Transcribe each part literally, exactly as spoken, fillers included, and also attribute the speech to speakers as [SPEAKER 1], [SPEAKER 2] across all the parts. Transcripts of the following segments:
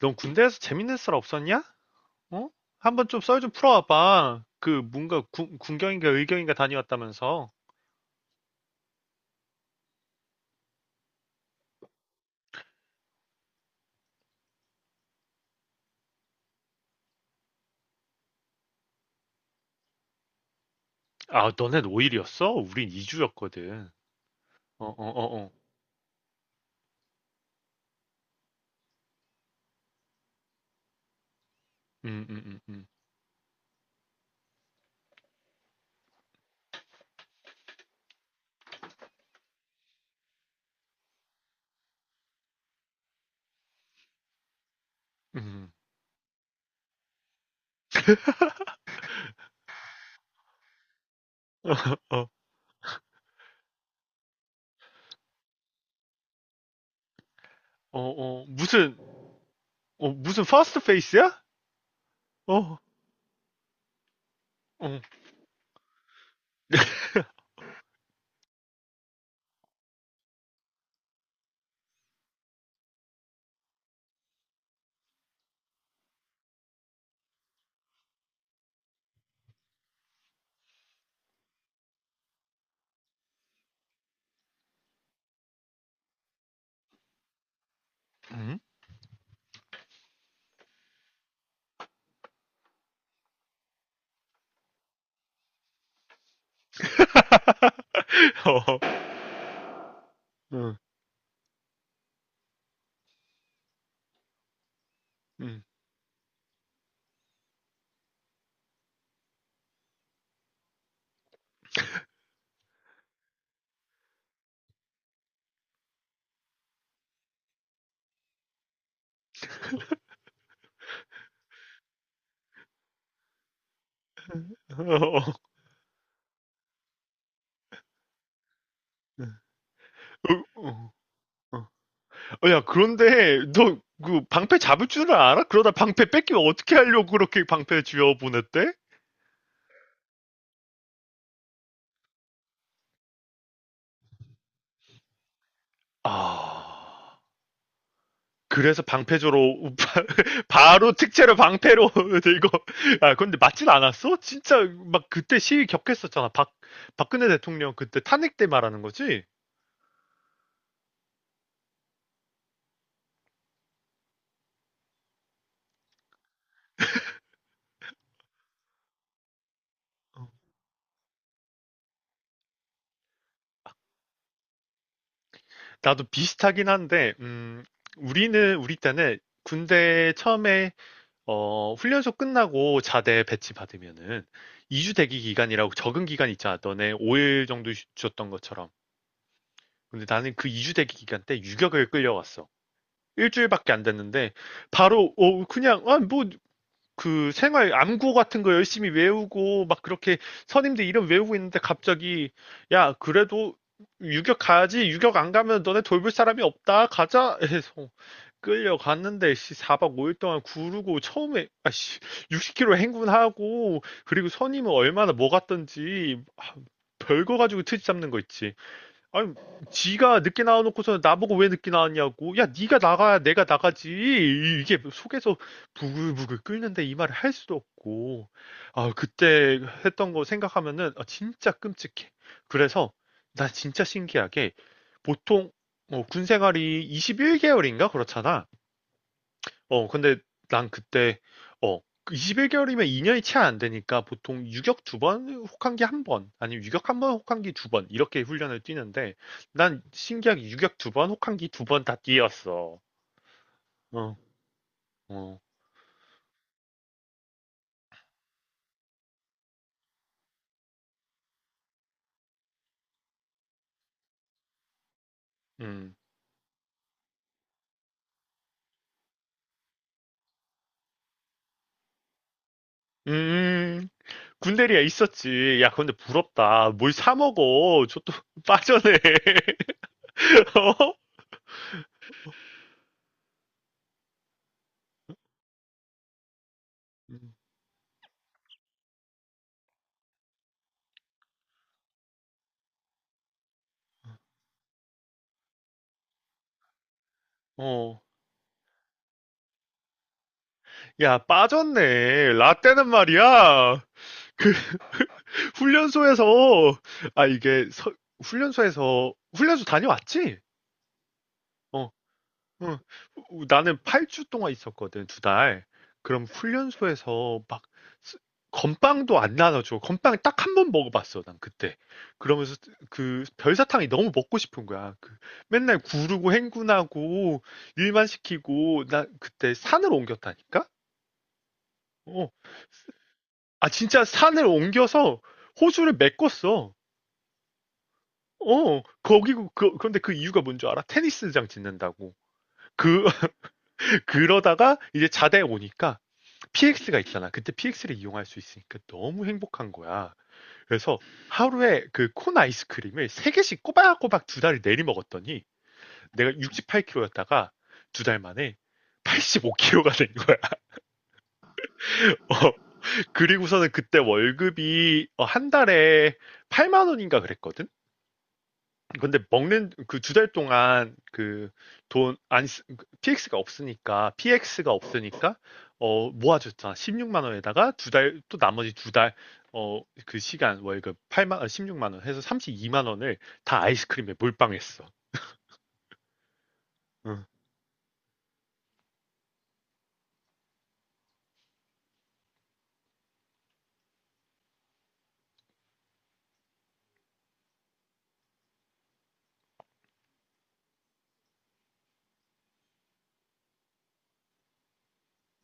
[SPEAKER 1] 넌 군대에서 재밌는 썰 없었냐? 어? 한번 좀 썰 좀 풀어와봐. 그 뭔가 군, 군경인가 의경인가 다녀왔다면서. 아, 너네 오 일이었어? 우린 이 주였거든. 어, 어, 어, 어. 음, 음, 음, 음. 음. 어, 어, 어. 무슨, 어, 무슨 퍼스트 페이스야? 어, 어, 음? 어, 음, 음. 어, 어, 음, 어, 어, 어, 야, 그런데 너 그 방패 잡을 줄 알아? 그러다 방패 뺏기면 어떻게 하려고 그렇게 방패 쥐어 보냈대? 아, 그래서 방패조로 바로 특채로 방패로 이거. 아 근데 맞진 않았어? 진짜 막 그때 시위 격했었잖아. 박 박근혜 대통령 그때 탄핵 때 말하는 거지? 어. 나도 비슷하긴 한데 음 우리는 우리 때는 군대 처음에 어, 훈련소 끝나고 자대 배치 받으면은 이 주 대기 기간이라고 적응 기간 있잖아. 너네 오 일 정도 주 줬던 것처럼. 근데 나는 그 이 주 대기 기간 때 유격을 끌려갔어. 일주일밖에 안 됐는데 바로 어, 그냥 아, 뭐 그 생활 암구 같은 거 열심히 외우고 막 그렇게 선임들 이름 외우고 있는데 갑자기, 야 그래도 유격 가야지 유격 안 가면 너네 돌볼 사람이 없다 가자 해서 끌려갔는데, 씨 사 박 오 일 동안 구르고 처음에 아씨 육십 킬로미터 행군하고. 그리고 선임은 얼마나 뭐 갔던지, 아, 별거 가지고 트집 잡는 거 있지. 아니, 지가 늦게 나와놓고서 나보고 왜 늦게 나왔냐고. 야, 네가 나가야 내가 나가지. 이게 속에서 부글부글 끓는데 이 말을 할 수도 없고. 아, 그때 했던 거 생각하면은 아, 진짜 끔찍해. 그래서 나 진짜 신기하게 보통 뭐군 생활이 이십일 개월인가 그렇잖아. 어, 근데 난 그때, 어, 이십일 개월이면 이 년이 채 안 되니까 보통 유격 두 번, 혹한기 한 번, 아니면 유격 한 번, 혹한기 두 번, 이렇게 훈련을 뛰는데, 난 신기하게 유격 두 번, 혹한기 두 번 다 뛰었어. 어, 어, 음. 음, 군대리야 있었지. 야, 근데 부럽다. 뭘 사 먹어. 저 또 빠졌네. 어? 어. 야, 빠졌네. 라떼는 말이야. 훈련소에서 아 이게 서- 훈련소에서 훈련소 다녀왔지? 어, 응. 나는 팔 주 동안 있었거든, 두 달. 그럼 훈련소에서 막 쓰- 건빵도 안 나눠줘. 건빵 딱 한 번 먹어봤어, 난 그때. 그러면서 그 별사탕이 너무 먹고 싶은 거야. 그 맨날 구르고 행군하고 일만 시키고 나 그때 산을 옮겼다니까? 어, 아 진짜 산을 옮겨서 호수를 메꿨어. 어, 거기고, 그, 그, 그런데 그 이유가 뭔 줄 알아? 테니스장 짓는다고. 그, 그러다가 이제 자대 오니까 피엑스가 있잖아. 그때 피엑스를 이용할 수 있으니까 너무 행복한 거야. 그래서 하루에 그 콘 아이스크림을 세개씩 꼬박꼬박 두 달을 내리 먹었더니 내가 육십팔 킬로였다가 두 달 만에 팔십오 킬로그램이 된 거야. 어, 그리고서는 그때 월급이 어, 한 달에 팔만 원인가 그랬거든? 근데 먹는 그 두 달 동안 그 돈안 피엑스가 없으니까 피엑스가 없으니까 어 모아줬잖아. 십육만 원에다가 두 달 또 나머지 두 달 어 그 시간 월급 팔만 아, 십육만 원 해서 삼십이만 원을 다 아이스크림에 몰빵했어. 응.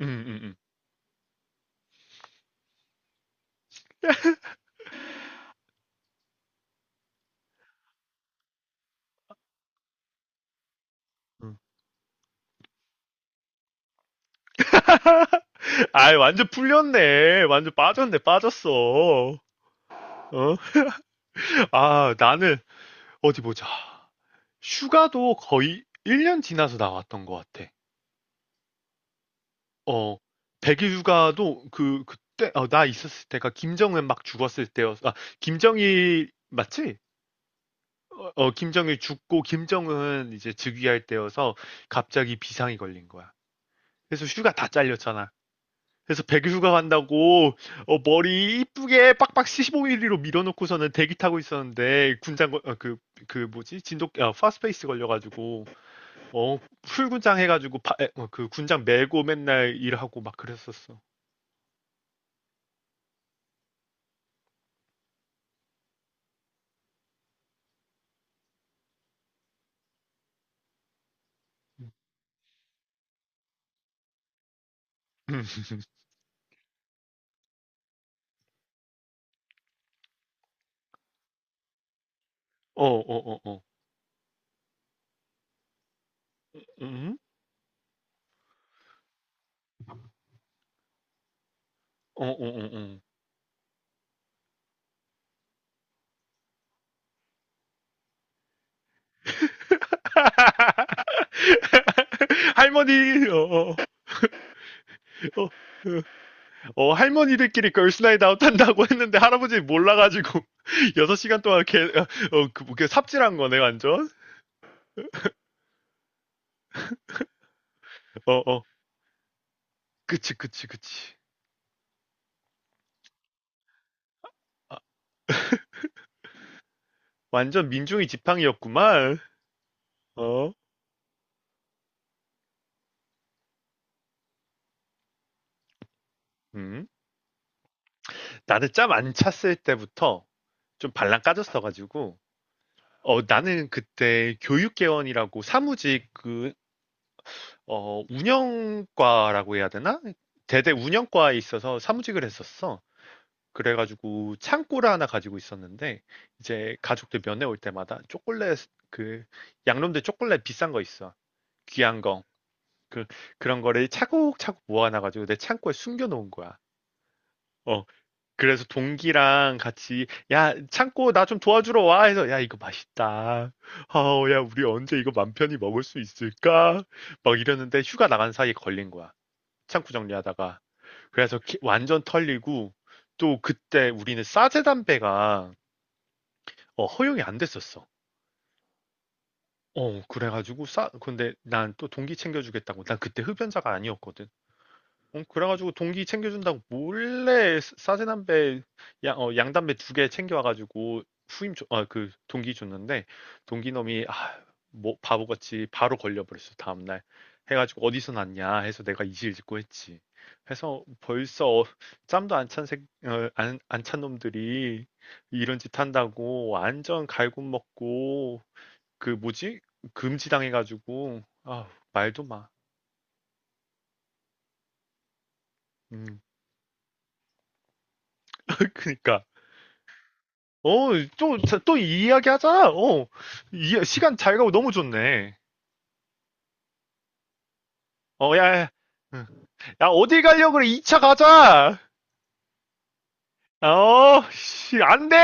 [SPEAKER 1] 응, 응, 응. 아, 완전 풀렸네. 완전 빠졌네. 빠졌어. 어? 아, 나는 어디 보자. 휴가도 거의 일 년 지나서 나왔던 것 같아. 어, 백일 휴가도 그, 그때, 어, 나 있었을 때가 김정은 막 죽었을 때였어. 아, 김정일, 맞지? 어, 어, 김정일 죽고 김정은 이제 즉위할 때여서 갑자기 비상이 걸린 거야. 그래서 휴가 다 잘렸잖아. 그래서 백일 휴가 간다고 어, 머리 이쁘게 빡빡 십오 밀리미터로 밀어놓고서는 대기 타고 있었는데 군장 걸- 어, 그, 그 뭐지? 진돗 아, 파스페이스 걸려가지고 어, 풀군장 해가지고 파- 에, 어, 그 군장 메고 맨날 일하고 막 그랬었어. 음. 어, 어, 어, 어. 음? 어, 어, 어, 어. 할머니, 어, 어, 어, 어, 할머니들끼리 걸스나잇 아웃 한다고 했는데 할아버지 몰라가지고 여섯 시간 동안 개, 어, 어, 그, 뭐, 그 삽질한 거네, 완전. 어, 어. 그치, 그치, 그치. 아, 완전 민중이 지팡이였구만. 어, 음. 나는 짬 안 찼을 때부터 좀 발랑 까졌어가지고. 어, 나는 그때 교육개원이라고 사무직 그 어, 운영과라고 해야 되나? 대대 운영과에 있어서 사무직을 했었어. 그래가지고 창고를 하나 가지고 있었는데 이제 가족들 면회 올 때마다 초콜릿, 그 양놈들 초콜릿 비싼 거 있어. 귀한 거. 그 그런 거를 차곡차곡 모아놔가지고 내 창고에 숨겨놓은 거야. 어, 그래서 동기랑 같이, 야, 창고 나 좀 도와주러 와 해서, 야, 이거 맛있다. 아우, 야, 우리 언제 이거 맘 편히 먹을 수 있을까? 막 이러는데 휴가 나간 사이에 걸린 거야. 창고 정리하다가. 그래서 기- 완전 털리고. 또 그때 우리는 싸제 담배가 어, 허용이 안 됐었어. 어, 그래가지고 싸 근데 난 또 동기 챙겨주겠다고, 난 그때 흡연자가 아니었거든. 어, 그래가지고 동기 챙겨준다고 몰래 사 싸세남배 양, 어, 양담배 두 개 챙겨와가지고 후임 줘, 아, 그 동기 줬는데, 동기 놈이 아, 뭐 바보같이 바로 걸려버렸어 다음날. 해가지고 어디서 났냐 해서 내가 이실직고 했지. 해서 벌써 짬도 안 찬 색, 어, 안, 안 찬 놈들이 이런 짓 한다고 완전 갈굼 먹고, 그 뭐지, 금지당해가지고 아 말도 마. 음. 그니까 어, 또, 자, 또 이야기하자. 어, 이, 시간 잘 가고 너무 좋네. 어, 야, 야, 응. 야, 어디 가려고 그래? 이 차 가자. 어, 씨, 안 돼!